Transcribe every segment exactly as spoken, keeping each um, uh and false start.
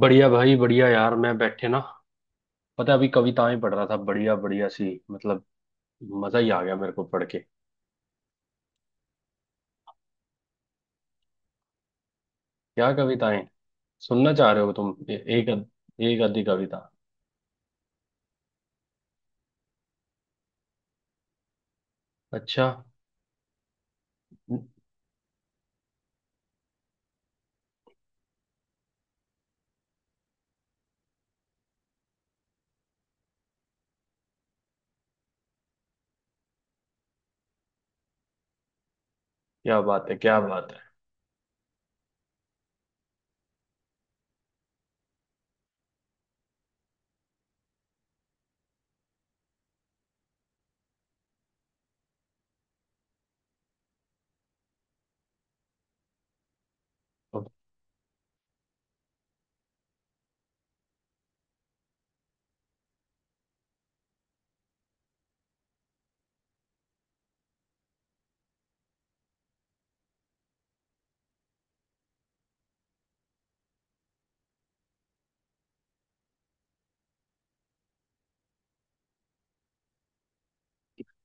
बढ़िया भाई, बढ़िया यार। मैं बैठे ना, पता है, अभी कविताएं पढ़ रहा था। बढ़िया बढ़िया सी, मतलब मजा ही आ गया मेरे को पढ़ के। क्या कविताएं सुनना चाह रहे हो तुम? ए, एक अध- एक आधी कविता। अच्छा! क्या बात है, क्या बात है!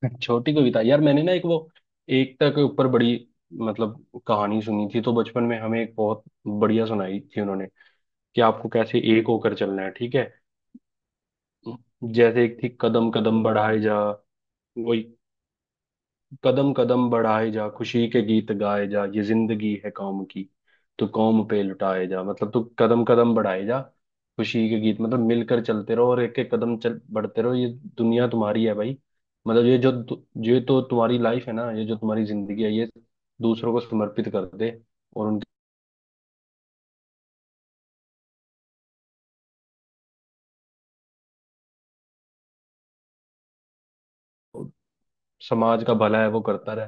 छोटी कविता यार। मैंने ना एक वो एकता के ऊपर बड़ी, मतलब कहानी सुनी थी तो, बचपन में हमें एक बहुत बढ़िया सुनाई थी उन्होंने। कि आपको कैसे एक होकर चलना है। ठीक है। जैसे एक थी, कदम कदम बढ़ाए जा। कदम कदम बढ़ाए जा, खुशी के गीत गाए जा, ये जिंदगी है कौम की तो कौम पे लुटाए जा। मतलब तू कदम कदम बढ़ाए जा, खुशी के गीत। मतलब मिलकर चलते रहो और एक एक कदम चल बढ़ते रहो, ये दुनिया तुम्हारी है भाई। मतलब ये जो जो ये तो तुम्हारी लाइफ है ना, ये जो तुम्हारी जिंदगी है, ये दूसरों को समर्पित कर दे और उनके समाज का भला है वो करता रहे।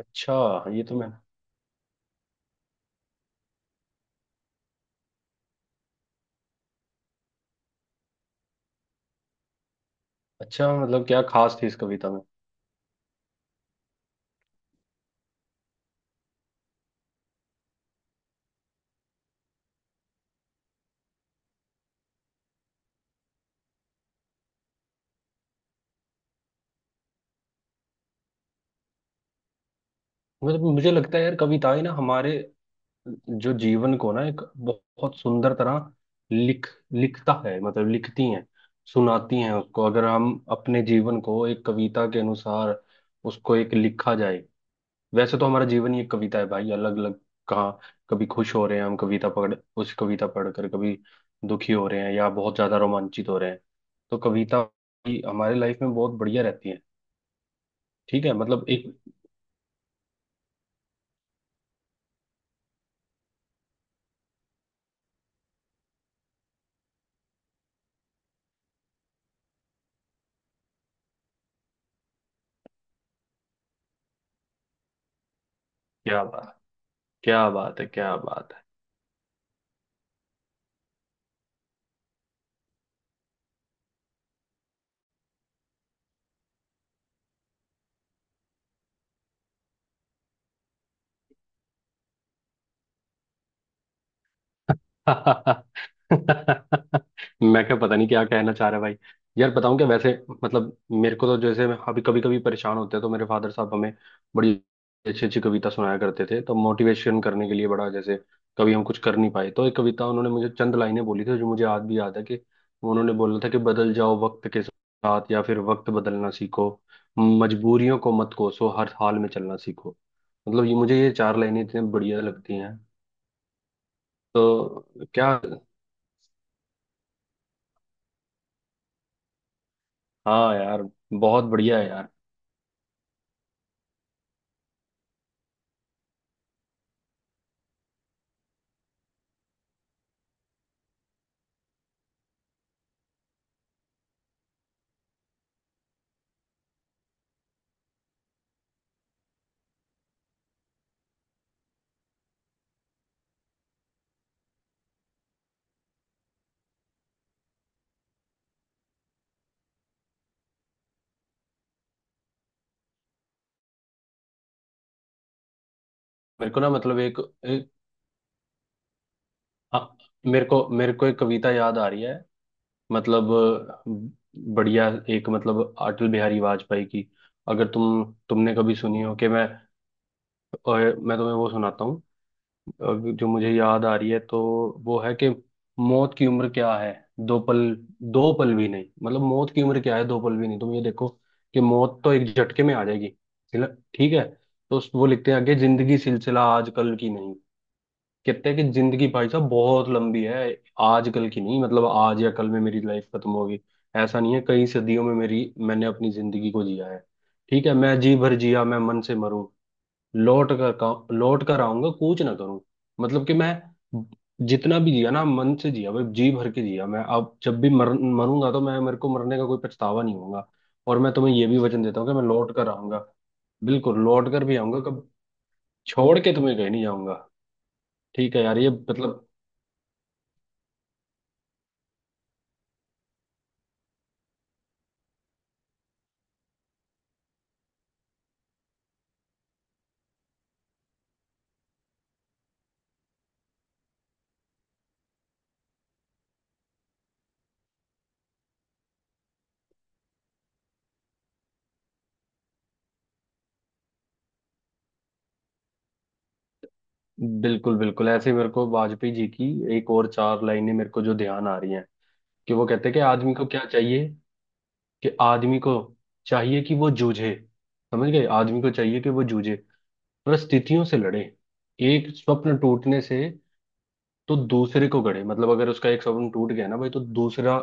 अच्छा, ये तो मैं। अच्छा, मतलब क्या खास थी इस कविता में? मतलब मुझे लगता है यार कविताएं ना, हमारे जो जीवन को ना, एक बहुत सुंदर तरह लिख लिखता है, मतलब लिखती हैं, सुनाती हैं उसको। अगर हम अपने जीवन को एक कविता के अनुसार उसको एक लिखा जाए। वैसे तो हमारा जीवन ही एक कविता है भाई, अलग अलग। कहाँ कभी खुश हो रहे हैं हम कविता पढ़, उस कविता पढ़कर, कभी दुखी हो रहे हैं या बहुत ज्यादा रोमांचित हो रहे हैं। तो कविता भी हमारी लाइफ में बहुत बढ़िया रहती है। ठीक है। मतलब एक। क्या बात, क्या बात है, क्या बात है! मैं, क्या पता नहीं क्या कहना चाह रहा है भाई। यार, बताऊं क्या वैसे। मतलब मेरे को तो जैसे, मैं अभी कभी कभी परेशान होते हैं तो मेरे फादर साहब हमें बड़ी अच्छी अच्छी कविता सुनाया करते थे, तो मोटिवेशन करने के लिए, बड़ा जैसे। कभी हम कुछ कर नहीं पाए तो एक कविता उन्होंने, मुझे चंद लाइनें बोली थी जो मुझे आज भी याद है, कि उन्होंने बोला था कि बदल जाओ वक्त के साथ या फिर वक्त बदलना सीखो। मजबूरियों को मत कोसो, हर हाल में चलना सीखो। मतलब ये, मुझे ये चार लाइनें इतनी बढ़िया लगती हैं। तो क्या? हाँ यार, बहुत बढ़िया है यार। मेरे को ना, मतलब एक, एक। हाँ, मेरे को मेरे को एक कविता याद आ रही है। मतलब अ, बढ़िया। एक, मतलब अटल बिहारी वाजपेयी की। अगर तुम तुमने कभी सुनी हो कि मैं। अ, मैं तुम्हें वो सुनाता हूँ, अ, जो मुझे याद आ रही है तो। वो है कि मौत की उम्र क्या है? दो पल, दो पल भी नहीं। मतलब मौत की उम्र क्या है? दो पल भी नहीं। तुम ये देखो कि मौत तो एक झटके में आ जाएगी। ठीक है। तो उस- वो लिखते हैं आगे, जिंदगी सिलसिला आजकल की नहीं। कहते हैं कि जिंदगी भाई साहब बहुत लंबी है, आजकल की नहीं। मतलब आज या कल में मेरी लाइफ खत्म होगी, ऐसा नहीं है। कई सदियों में मेरी, मैंने अपनी जिंदगी को जिया है। ठीक है। मैं जी भर जिया, मैं मन से मरूं, लौट कर का, लौट कर आऊंगा, कूच ना करूं। मतलब कि मैं जितना भी जिया ना, मन से जिया भाई, जी भर के जिया। मैं अब जब भी मर, मरूंगा तो मैं, मेरे को मरने का कोई पछतावा नहीं होगा। और मैं तुम्हें ये भी वचन देता हूँ कि मैं लौट कर आऊंगा। बिल्कुल लौट कर भी आऊंगा। कब छोड़ के तुम्हें कहीं नहीं जाऊंगा। ठीक है यार। ये मतलब। बिल्कुल बिल्कुल। ऐसे, मेरे को वाजपेयी जी की एक और चार लाइनें मेरे को जो ध्यान आ रही हैं कि, वो कहते हैं कि आदमी को क्या चाहिए, कि आदमी को चाहिए कि वो जूझे। समझ गए? आदमी को चाहिए कि वो जूझे, परिस्थितियों से लड़े, एक स्वप्न टूटने से तो दूसरे को गढ़े। मतलब अगर उसका एक स्वप्न टूट गया ना भाई, तो दूसरा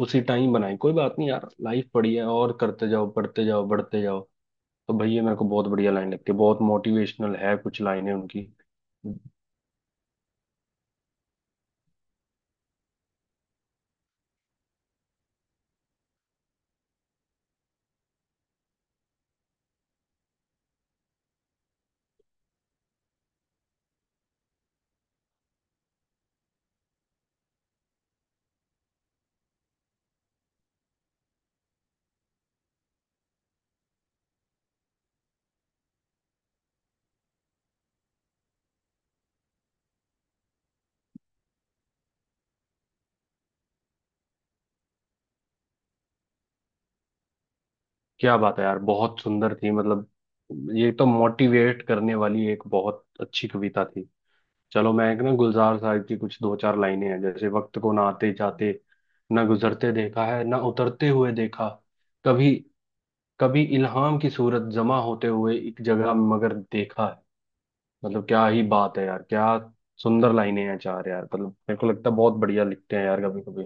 उसी टाइम बनाए। कोई बात नहीं यार, लाइफ बड़ी है और करते जाओ, बढ़ते जाओ, बढ़ते जाओ। तो भाई ये मेरे को बहुत बढ़िया लाइन लगती है, बहुत मोटिवेशनल है कुछ लाइनें उनकी। क्या बात है यार, बहुत सुंदर थी मतलब। ये तो मोटिवेट करने वाली एक बहुत अच्छी कविता थी। चलो, मैं एक ना गुलजार साहब की कुछ दो चार लाइनें हैं। जैसे, वक्त को ना आते जाते, ना गुजरते देखा है, ना उतरते हुए देखा। कभी कभी इल्हाम की सूरत जमा होते हुए एक जगह मगर देखा है। मतलब क्या ही बात है यार, क्या सुंदर लाइनें हैं चार यार। मतलब मेरे को लगता है बहुत बढ़िया लिखते हैं यार कभी कभी।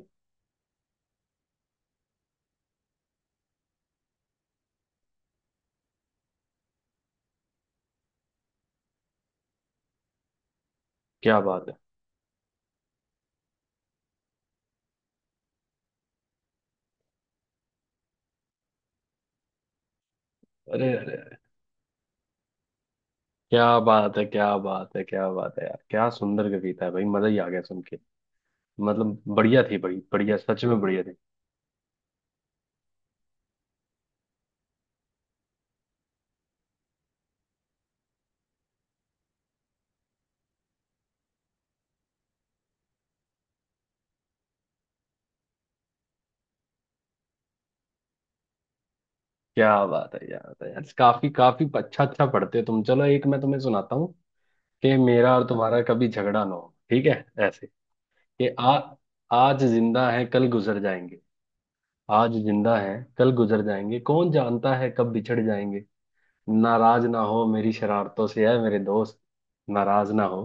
क्या बात है! अरे अरे, क्या बात है, क्या बात है, क्या बात है यार! क्या सुंदर कविता है भाई, मजा ही आ गया सुन के। मतलब बढ़िया थी, बड़ी बढ़िया, सच में बढ़िया थी। क्या बात है यार। तो यार, काफी काफी अच्छा अच्छा पढ़ते हो तुम। चलो एक मैं तुम्हें सुनाता हूँ। कि मेरा और तुम्हारा कभी झगड़ा ना हो। ठीक है ऐसे, कि आ आज जिंदा है कल गुजर जाएंगे। आज जिंदा है कल गुजर जाएंगे, कौन जानता है कब बिछड़ जाएंगे। नाराज ना हो मेरी शरारतों से है मेरे दोस्त, नाराज ना हो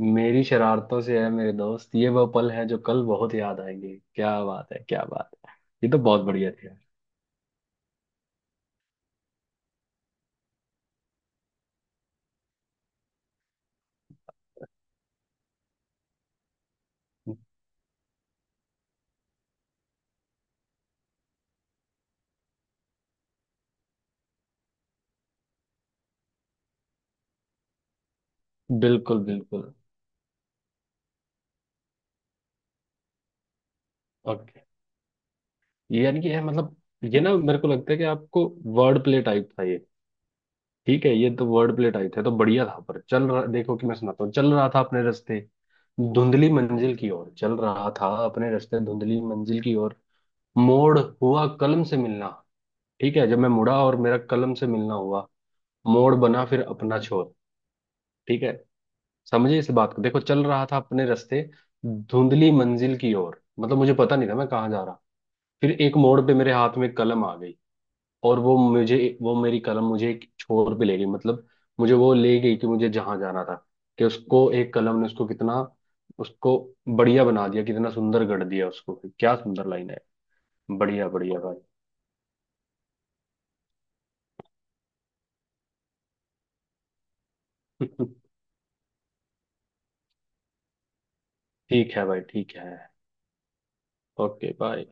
मेरी शरारतों से है मेरे दोस्त, ये वो पल हैं जो कल बहुत याद आएंगे। क्या बात है, क्या बात है! ये तो बहुत बढ़िया थी यार। बिल्कुल बिल्कुल। ओके। ये यानी कि है मतलब, ये ना मेरे को लगता है कि आपको, वर्ड प्ले टाइप था ये। ठीक है, ये तो वर्ड प्ले टाइप था तो बढ़िया था। पर चल रहा, देखो, कि मैं सुनाता हूँ। चल रहा था अपने रास्ते, धुंधली मंजिल की ओर। चल रहा था अपने रास्ते, धुंधली मंजिल की ओर, मोड़ हुआ कलम से मिलना। ठीक है। जब मैं मुड़ा और मेरा कलम से मिलना हुआ, मोड़ बना फिर अपना छोर। ठीक है, समझे इस बात को? देखो, चल रहा था अपने रास्ते धुंधली मंजिल की ओर, मतलब मुझे पता नहीं था मैं कहाँ जा रहा। फिर एक मोड़ पे मेरे हाथ में कलम आ गई। और वो मुझे, वो मेरी कलम मुझे एक छोर पे ले गई। मतलब मुझे वो ले गई कि मुझे जहां जाना था। कि उसको एक कलम ने उसको कितना उसको बढ़िया बना दिया, कितना सुंदर गढ़ दिया उसको। क्या सुंदर लाइन है। बढ़िया बढ़िया भाई। ठीक है भाई, ठीक है। Okay bye.